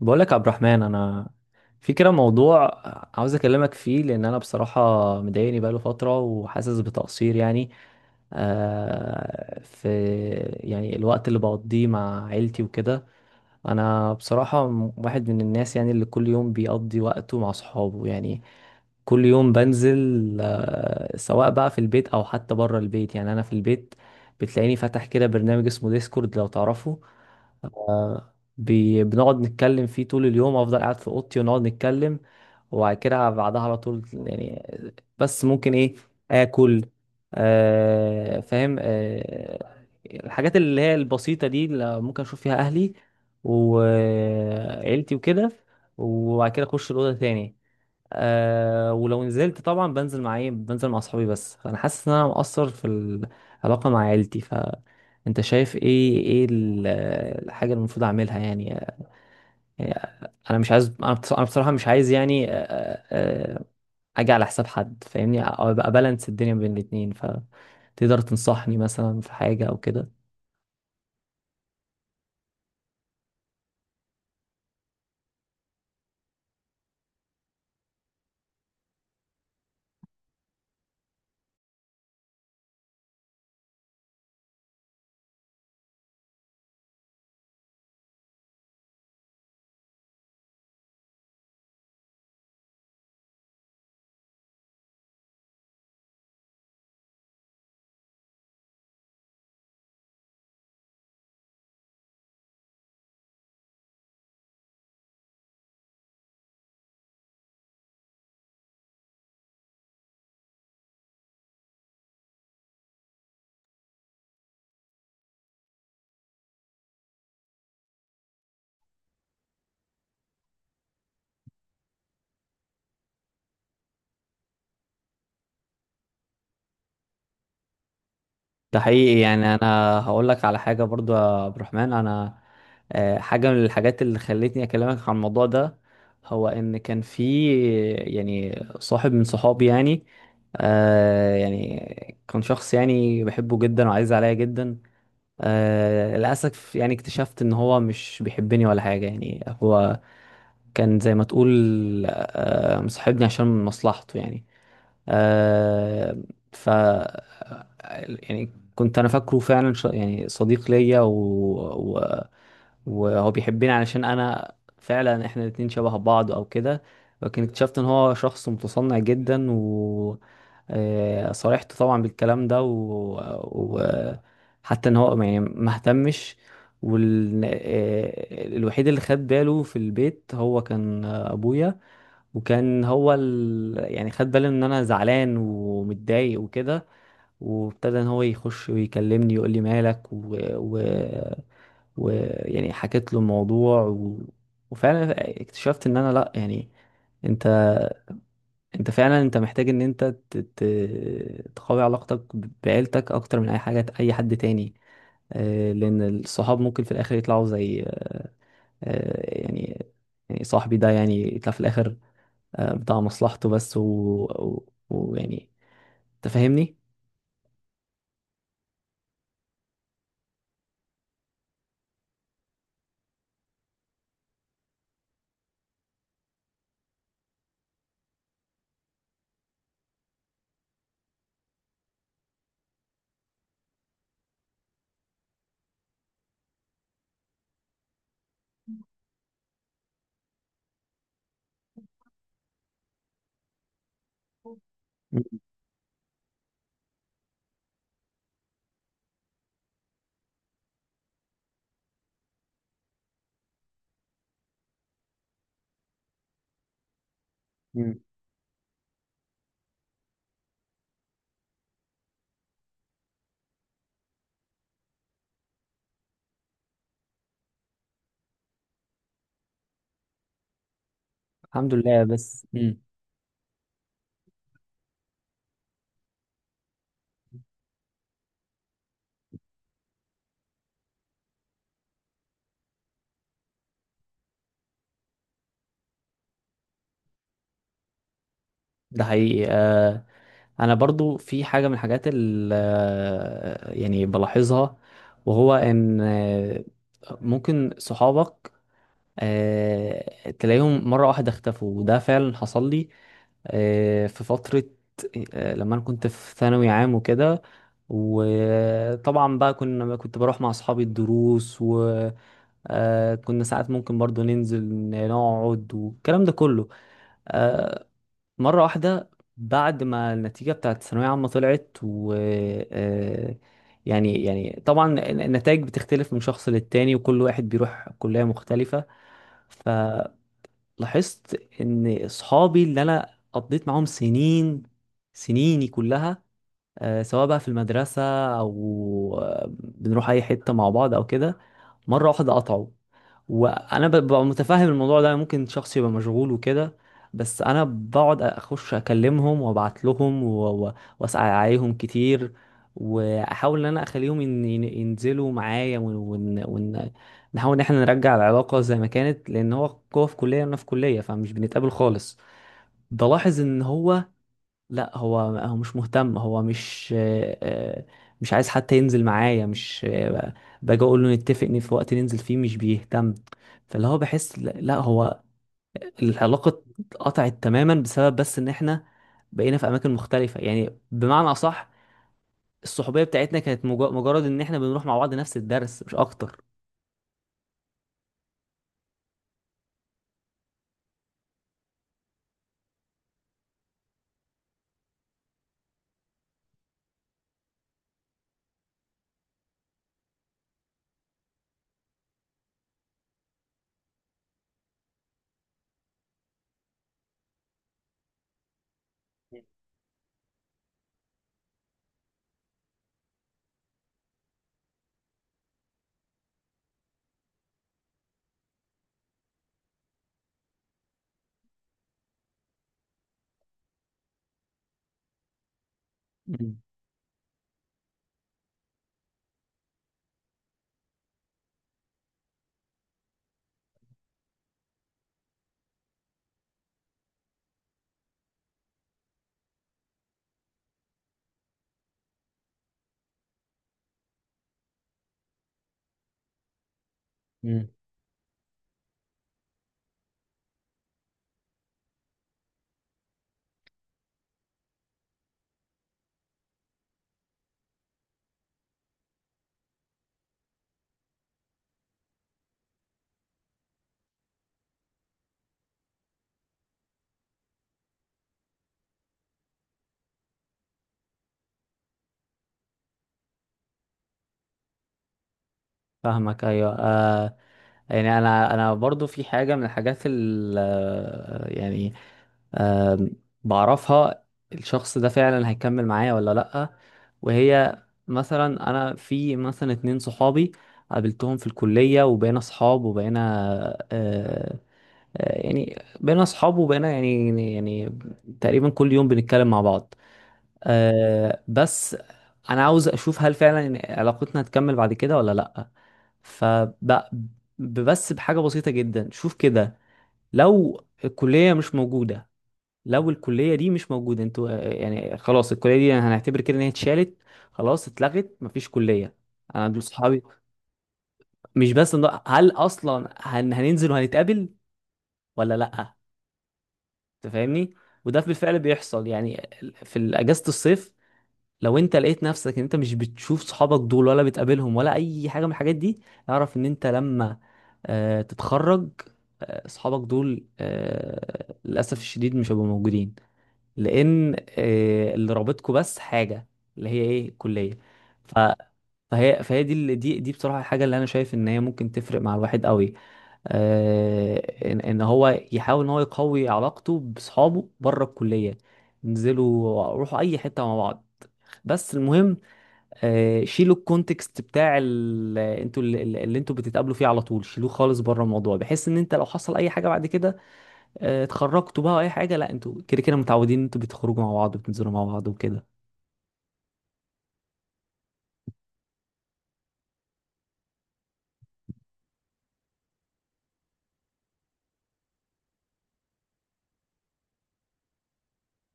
بقولك يا عبد الرحمن، انا في كده موضوع عاوز اكلمك فيه، لان انا بصراحه مضايقني بقاله فتره وحاسس بتقصير يعني. في يعني الوقت اللي بقضيه مع عيلتي وكده. انا بصراحه واحد من الناس يعني اللي كل يوم بيقضي وقته مع صحابه يعني. كل يوم بنزل، سواء بقى في البيت او حتى بره البيت. يعني انا في البيت بتلاقيني فاتح كده برنامج اسمه ديسكورد، لو تعرفه. بنقعد نتكلم فيه طول اليوم، افضل قاعد في اوضتي ونقعد نتكلم، وبعد كده بعدها على طول يعني. بس ممكن ايه، اكل. آه فاهم. آه الحاجات اللي هي البسيطة دي اللي ممكن اشوف فيها اهلي وعيلتي وكده، وبعد كده اخش الاوضة تاني. ولو نزلت، طبعا بنزل مع ايه، بنزل مع اصحابي. بس فانا حاسس ان انا مقصر في العلاقة مع عيلتي. ف انت شايف ايه، الحاجة اللي المفروض اعملها يعني؟ انا مش عايز، انا بصراحه مش عايز يعني اجي على حساب حد، فاهمني؟ او ابقى بالانس الدنيا بين الاتنين. فتقدر تنصحني مثلا في حاجه او كده؟ ده حقيقي. يعني انا هقول لك على حاجه برضو يا عبد الرحمن. انا حاجه من الحاجات اللي خلتني اكلمك عن الموضوع ده، هو ان كان في يعني صاحب من صحابي يعني. يعني كان شخص يعني بحبه جدا وعايز عليا جدا. آه للأسف يعني اكتشفت إن هو مش بيحبني ولا حاجة. يعني هو كان زي ما تقول، مصاحبني عشان مصلحته يعني. آه ف يعني كنت انا فاكره فعلا يعني صديق ليا و... وهو بيحبني، علشان انا فعلا احنا الاتنين شبه بعض او كده. لكن اكتشفت ان هو شخص متصنع جدا، و صارحته طبعا بالكلام ده و... حتى ان هو يعني ما اهتمش. وال... آه، الوحيد اللي خد باله في البيت هو كان ابويا. وكان هو يعني خد باله ان انا زعلان ومتضايق وكده، وابتدى ان هو يخش ويكلمني يقول لي مالك و... يعني حكيت له الموضوع. وفعلا اكتشفت ان انا لا يعني، انت انت فعلا محتاج ان انت تقوي علاقتك بعيلتك اكتر من اي حاجة، اي حد تاني. آه، لان الصحاب ممكن في الاخر يطلعوا زي، آه، يعني يعني صاحبي ده يعني يطلع في الاخر بتاع مصلحته بس. ويعني ويعني، تفهمني. مم. الحمد لله. بس مم. ده حقيقي. آه انا برضو في حاجه من الحاجات اللي يعني بلاحظها، وهو ان ممكن صحابك تلاقيهم مره واحده اختفوا، وده فعلا حصل لي. في فتره، لما انا كنت في ثانوي عام وكده. وطبعا بقى كنت بروح مع اصحابي الدروس. آه كنا ساعات ممكن برضو ننزل نقعد والكلام ده كله. آه مرة واحدة، بعد ما النتيجة بتاعت الثانوية عامة طلعت، و آه يعني طبعا النتائج بتختلف من شخص للتاني، وكل واحد بيروح كلية مختلفة. فلاحظت ان اصحابي اللي انا قضيت معاهم سنين، سنيني كلها، آه، سواء بقى في المدرسة أو بنروح أي حتة مع بعض أو كده، مرة واحدة قطعوا. وأنا ببقى متفهم الموضوع ده، ممكن شخص يبقى مشغول وكده. بس أنا بقعد أخش أكلمهم وأبعت لهم وأسأل عليهم كتير، وأحاول إن أنا أخليهم ينزلوا معايا نحاول إن إحنا نرجع العلاقة زي ما كانت، لأن هو في كلية وأنا في كلية، فمش بنتقابل خالص. بلاحظ إن هو لا، هو مش مهتم. هو مش مش عايز حتى ينزل معايا، مش باجي اقول له نتفق ان في وقت ننزل فيه، مش بيهتم. فاللي هو بحس، لا لا، هو العلاقة اتقطعت تماما، بسبب بس ان احنا بقينا في اماكن مختلفة. يعني بمعنى اصح، الصحوبية بتاعتنا كانت مجرد ان احنا بنروح مع بعض نفس الدرس، مش اكتر. مم. مم. فاهمك. ايوه آه، يعني انا برضو في حاجه من الحاجات ال آه، يعني آم، بعرفها الشخص ده فعلا هيكمل معايا ولا لأ. وهي مثلا، أنا في مثلا اتنين صحابي قابلتهم في الكلية، وبقينا صحاب، وبقينا آه، بقينا صحاب وبقينا تقريبا كل يوم بنتكلم مع بعض. آه، بس أنا عاوز أشوف هل فعلا إن علاقتنا هتكمل بعد كده ولا لأ. فبس بحاجة بسيطة جدا، شوف كده. لو الكلية مش موجودة، انتوا يعني خلاص، الكلية دي هنعتبر كده ان هي اتشالت، خلاص اتلغت، مفيش كلية. انا دول صحابي. مش بس هل اصلا هننزل وهنتقابل ولا لا؟ انت فاهمني. وده بالفعل بيحصل يعني. في اجازة الصيف، لو انت لقيت نفسك ان انت مش بتشوف صحابك دول، ولا بتقابلهم، ولا اي حاجة من الحاجات دي، اعرف ان انت لما تتخرج، آه، صحابك دول آه، للأسف الشديد مش هيبقوا موجودين. لان آه، اللي رابطكم بس حاجه، اللي هي ايه، الكليه. ف فهي فهي دي دي بصراحه الحاجه اللي انا شايف ان هي ممكن تفرق مع الواحد قوي. آه، ان هو يحاول ان هو يقوي علاقته باصحابه بره الكليه، انزلوا روحوا اي حته مع بعض. بس المهم، آه، شيلوا الكونتكست بتاع انتوا اللي انتوا بتتقابلوا فيه على طول، شيلوه خالص بره الموضوع، بحيث ان انت لو حصل اي حاجه بعد كده، آه، اتخرجتوا بقى أو اي حاجه، لا انتوا كده كده متعودين إن انتوا بتخرجوا مع بعض وبتنزلوا مع بعض وكده.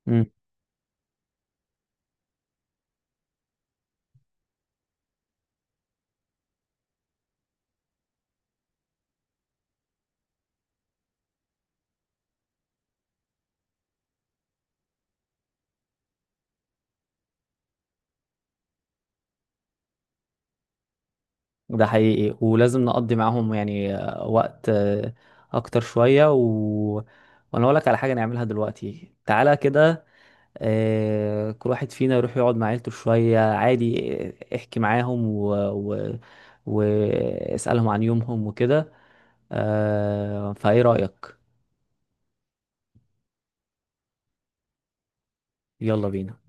امم. ده حقيقي، ولازم نقضي معاهم يعني آه، وقت آه، اكتر شويه. وانا اقول لك على حاجه نعملها دلوقتي، تعالى كده. آه، كل واحد فينا يروح يقعد مع عيلته شويه عادي، آه، احكي معاهم واسالهم عن يومهم وكده. آه، فايه رايك؟ يلا بينا.